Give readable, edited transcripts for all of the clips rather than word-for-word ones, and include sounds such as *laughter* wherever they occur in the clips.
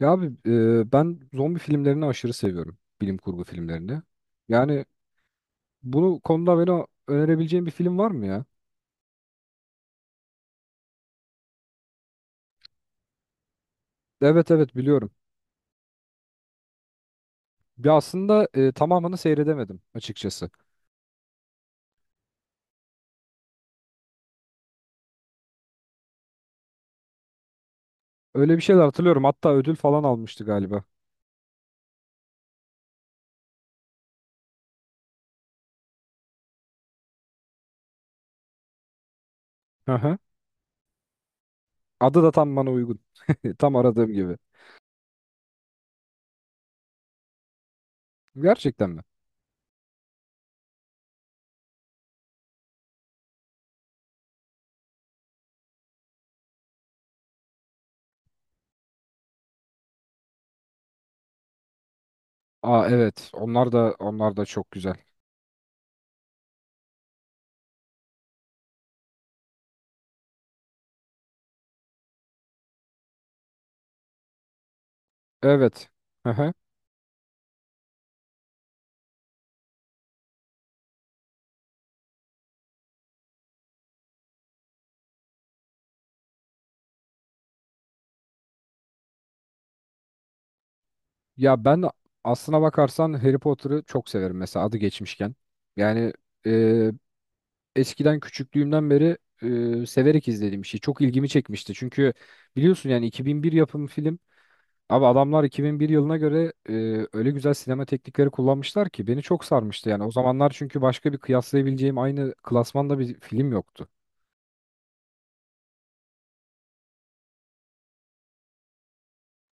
Ya abi ben zombi filmlerini aşırı seviyorum. Bilim kurgu filmlerini. Yani bunu konuda beni önerebileceğin bir film var mı ya? Evet, evet, biliyorum. Ya aslında tamamını seyredemedim açıkçası. Öyle bir şeyler hatırlıyorum. Hatta ödül falan almıştı galiba. Hı hı. Adı da tam bana uygun. *laughs* Tam aradığım gibi. Gerçekten mi? Aa, evet. Onlar da çok güzel. Evet. Hı hı. Ya ben aslına bakarsan Harry Potter'ı çok severim mesela adı geçmişken. Yani eskiden küçüklüğümden beri severek izlediğim bir şey. Çok ilgimi çekmişti. Çünkü biliyorsun yani 2001 yapımı film. Abi adamlar 2001 yılına göre öyle güzel sinema teknikleri kullanmışlar ki beni çok sarmıştı yani. O zamanlar çünkü başka bir kıyaslayabileceğim aynı klasmanda bir film yoktu.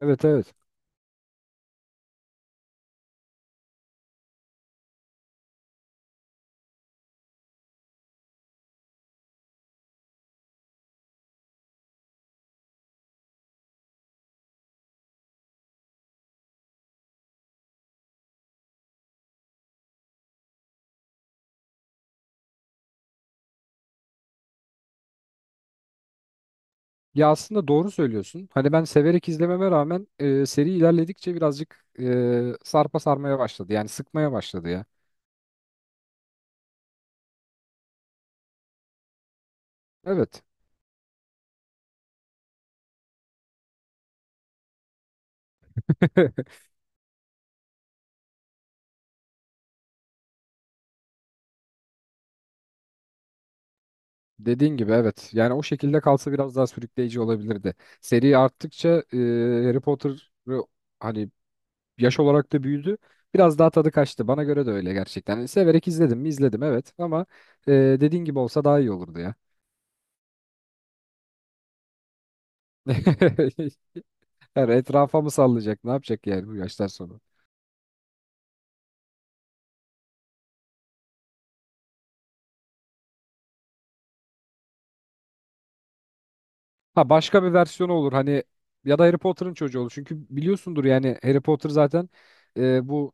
Evet, evet. Ya aslında doğru söylüyorsun. Hani ben severek izlememe rağmen seri ilerledikçe birazcık sarpa sarmaya başladı. Yani sıkmaya başladı ya. Evet. *laughs* Dediğin gibi, evet. Yani o şekilde kalsa biraz daha sürükleyici olabilirdi. Seri arttıkça Harry Potter hani yaş olarak da büyüdü. Biraz daha tadı kaçtı. Bana göre de öyle gerçekten. Yani severek izledim mi izledim, evet, ama dediğin gibi olsa daha iyi olurdu ya. *laughs* Yani etrafa mı sallayacak? Ne yapacak yani bu yaştan sonra? Ha, başka bir versiyonu olur hani ya da Harry Potter'ın çocuğu olur. Çünkü biliyorsundur yani Harry Potter zaten bu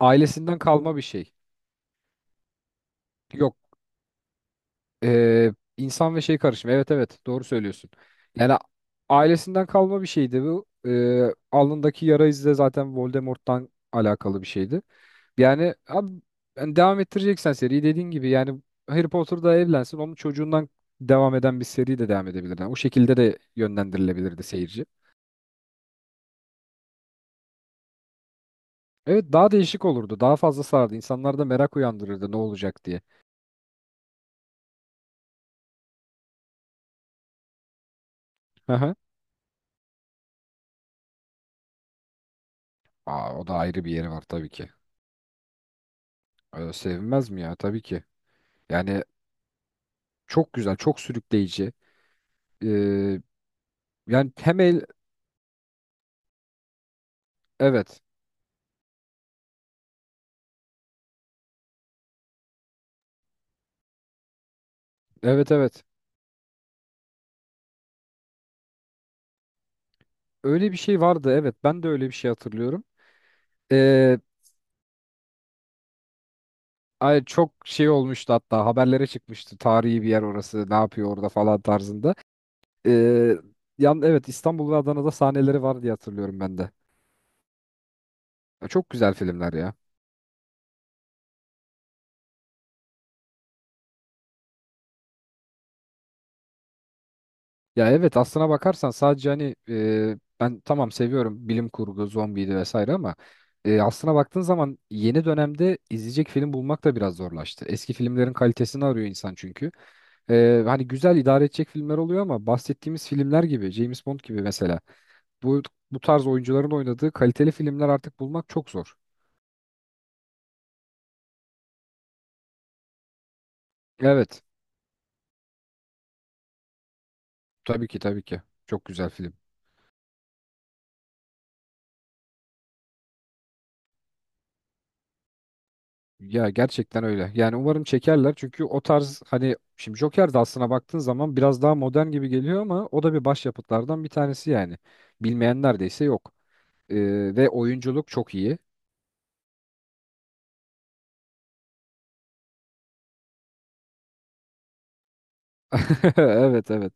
ailesinden kalma bir şey. Yok. Ee, insan ve şey karışımı. Evet, evet, doğru söylüyorsun. Yani ailesinden kalma bir şeydi bu. Alnındaki yara izi de zaten Voldemort'tan alakalı bir şeydi. Yani abi yani devam ettireceksen seriyi dediğin gibi yani Harry Potter da evlensin onun çocuğundan devam eden bir seri de devam edebilir. Yani o şekilde de yönlendirilebilirdi seyirci. Evet, daha değişik olurdu. Daha fazla sardı. İnsanlarda merak uyandırırdı ne olacak diye. Hı hı. Aa, o da ayrı bir yeri var tabii ki. Sevinmez mi ya? Tabii ki. Yani çok güzel, çok sürükleyici. Ee, yani, evet, evet, evet. Öyle bir şey vardı, evet. Ben de öyle bir şey hatırlıyorum. Ee, ay, çok şey olmuştu hatta haberlere çıkmıştı. Tarihi bir yer orası, ne yapıyor orada falan tarzında. Ee, evet, İstanbul ve Adana'da sahneleri var diye hatırlıyorum ben de. Ya, çok güzel filmler ya. Ya, evet, aslına bakarsan sadece hani ben tamam seviyorum bilim kurgu, zombiydi vesaire ama aslına baktığın zaman yeni dönemde izleyecek film bulmak da biraz zorlaştı. Eski filmlerin kalitesini arıyor insan çünkü. Hani güzel idare edecek filmler oluyor ama bahsettiğimiz filmler gibi, James Bond gibi mesela bu bu tarz oyuncuların oynadığı kaliteli filmler artık bulmak çok zor. Evet, tabii ki, tabii ki. Çok güzel film. Ya gerçekten öyle. Yani umarım çekerler. Çünkü o tarz hani şimdi Joker de aslına baktığın zaman biraz daha modern gibi geliyor ama o da bir başyapıtlardan bir tanesi yani. Bilmeyen neredeyse yok. Ee, ve oyunculuk çok iyi. *laughs* Evet, evet.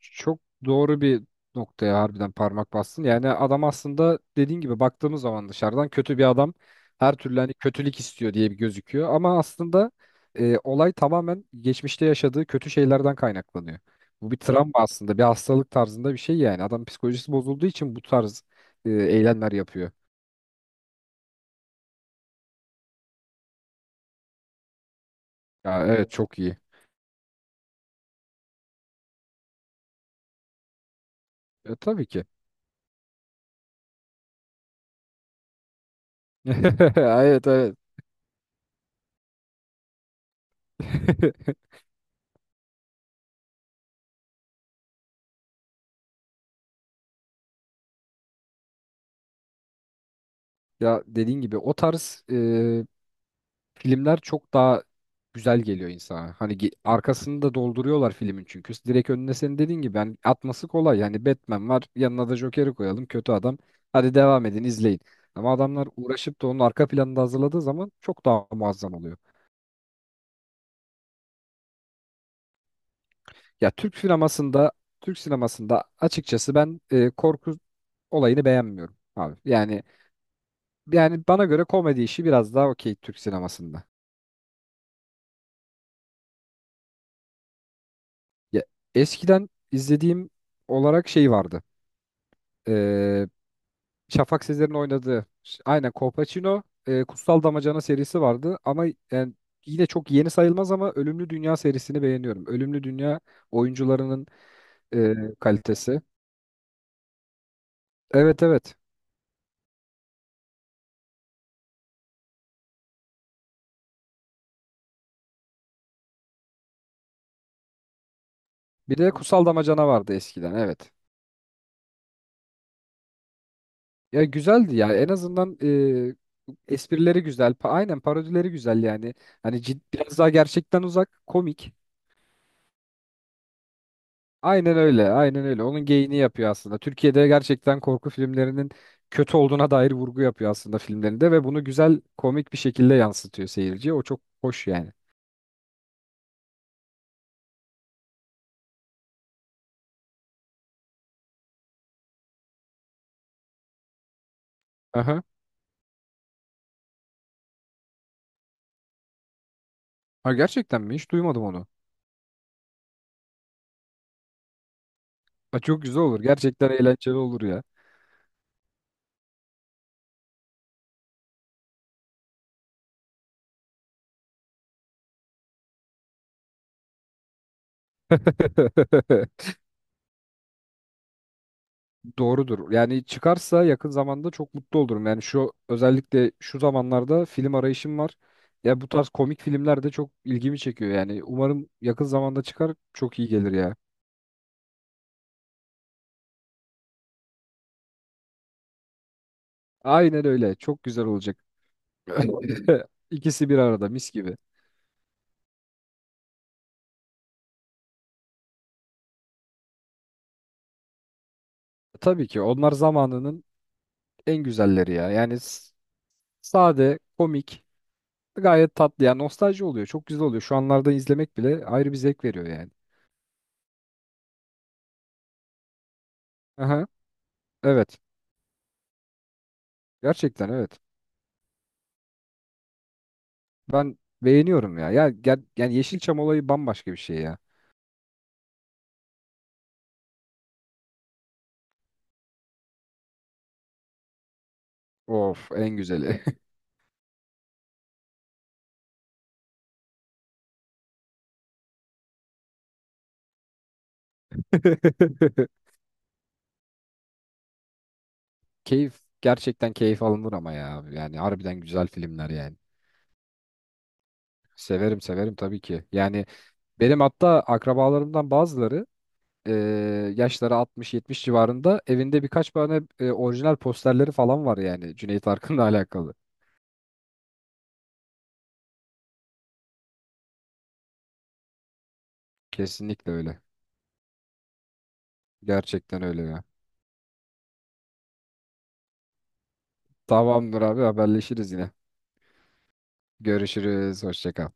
Çok doğru bir noktaya harbiden parmak bastın. Yani adam aslında dediğin gibi baktığımız zaman dışarıdan kötü bir adam her türlü hani kötülük istiyor diye bir gözüküyor. Ama aslında olay tamamen geçmişte yaşadığı kötü şeylerden kaynaklanıyor. Bu bir, evet, travma aslında bir hastalık tarzında bir şey yani. Adam psikolojisi bozulduğu için bu tarz eylemler yapıyor. Ya, evet, evet, çok iyi. Tabii ki. *laughs* Evet, evet. *laughs* Ya dediğin gibi o tarz filmler çok daha güzel geliyor insana. Hani arkasını da dolduruyorlar filmin çünkü. Direkt önüne senin dediğin gibi yani atması kolay. Yani Batman var yanına da Joker'i koyalım kötü adam. Hadi devam edin izleyin. Ama adamlar uğraşıp da onun arka planını da hazırladığı zaman çok daha muazzam oluyor. Ya Türk sinemasında açıkçası ben korku olayını beğenmiyorum abi. Yani bana göre komedi işi biraz daha okey Türk sinemasında. Ya, eskiden izlediğim olarak şey vardı. E, Şafak Sezer'in oynadığı aynen Kolpaçino, Kutsal Damacana serisi vardı ama yani yine çok yeni sayılmaz ama Ölümlü Dünya serisini beğeniyorum. Ölümlü Dünya oyuncularının e, kalitesi. Evet, evet. Bir de Kutsal Damacana vardı eskiden, evet. Ya, güzeldi ya, en azından esprileri güzel. Aynen parodileri güzel yani. Hani biraz daha gerçekten uzak, komik. Aynen öyle, aynen öyle. Onun geyini yapıyor aslında. Türkiye'de gerçekten korku filmlerinin kötü olduğuna dair vurgu yapıyor aslında filmlerinde ve bunu güzel, komik bir şekilde yansıtıyor seyirciye. O çok hoş yani. Aha. Ha, gerçekten mi? Hiç duymadım onu. Ha, çok güzel olur. Gerçekten eğlenceli olur ya. *laughs* Doğrudur. Yani çıkarsa yakın zamanda çok mutlu olurum. Yani özellikle şu zamanlarda film arayışım var. Ya bu tarz komik filmler de çok ilgimi çekiyor yani. Umarım yakın zamanda çıkar, çok iyi gelir ya. Aynen öyle. Çok güzel olacak. *laughs* İkisi bir arada mis gibi. Tabii ki onlar zamanının en güzelleri ya. Yani sade, komik, gayet tatlı. Yani nostalji oluyor. Çok güzel oluyor. Şu anlarda izlemek bile ayrı bir zevk veriyor yani. Aha, evet. Gerçekten, evet. Ben beğeniyorum ya. Ya yani Yeşilçam olayı bambaşka bir şey ya. Of, en güzeli. *laughs* Keyif, gerçekten keyif alınır ama ya. Yani harbiden güzel filmler yani. Severim, severim tabii ki. Yani benim hatta akrabalarımdan bazıları e, yaşları 60, 70 civarında evinde birkaç tane orijinal posterleri falan var yani Cüneyt Arkın'la *laughs* alakalı. Kesinlikle öyle. Gerçekten öyle ya. Tamamdır abi haberleşiriz yine. Görüşürüz. Hoşça kal.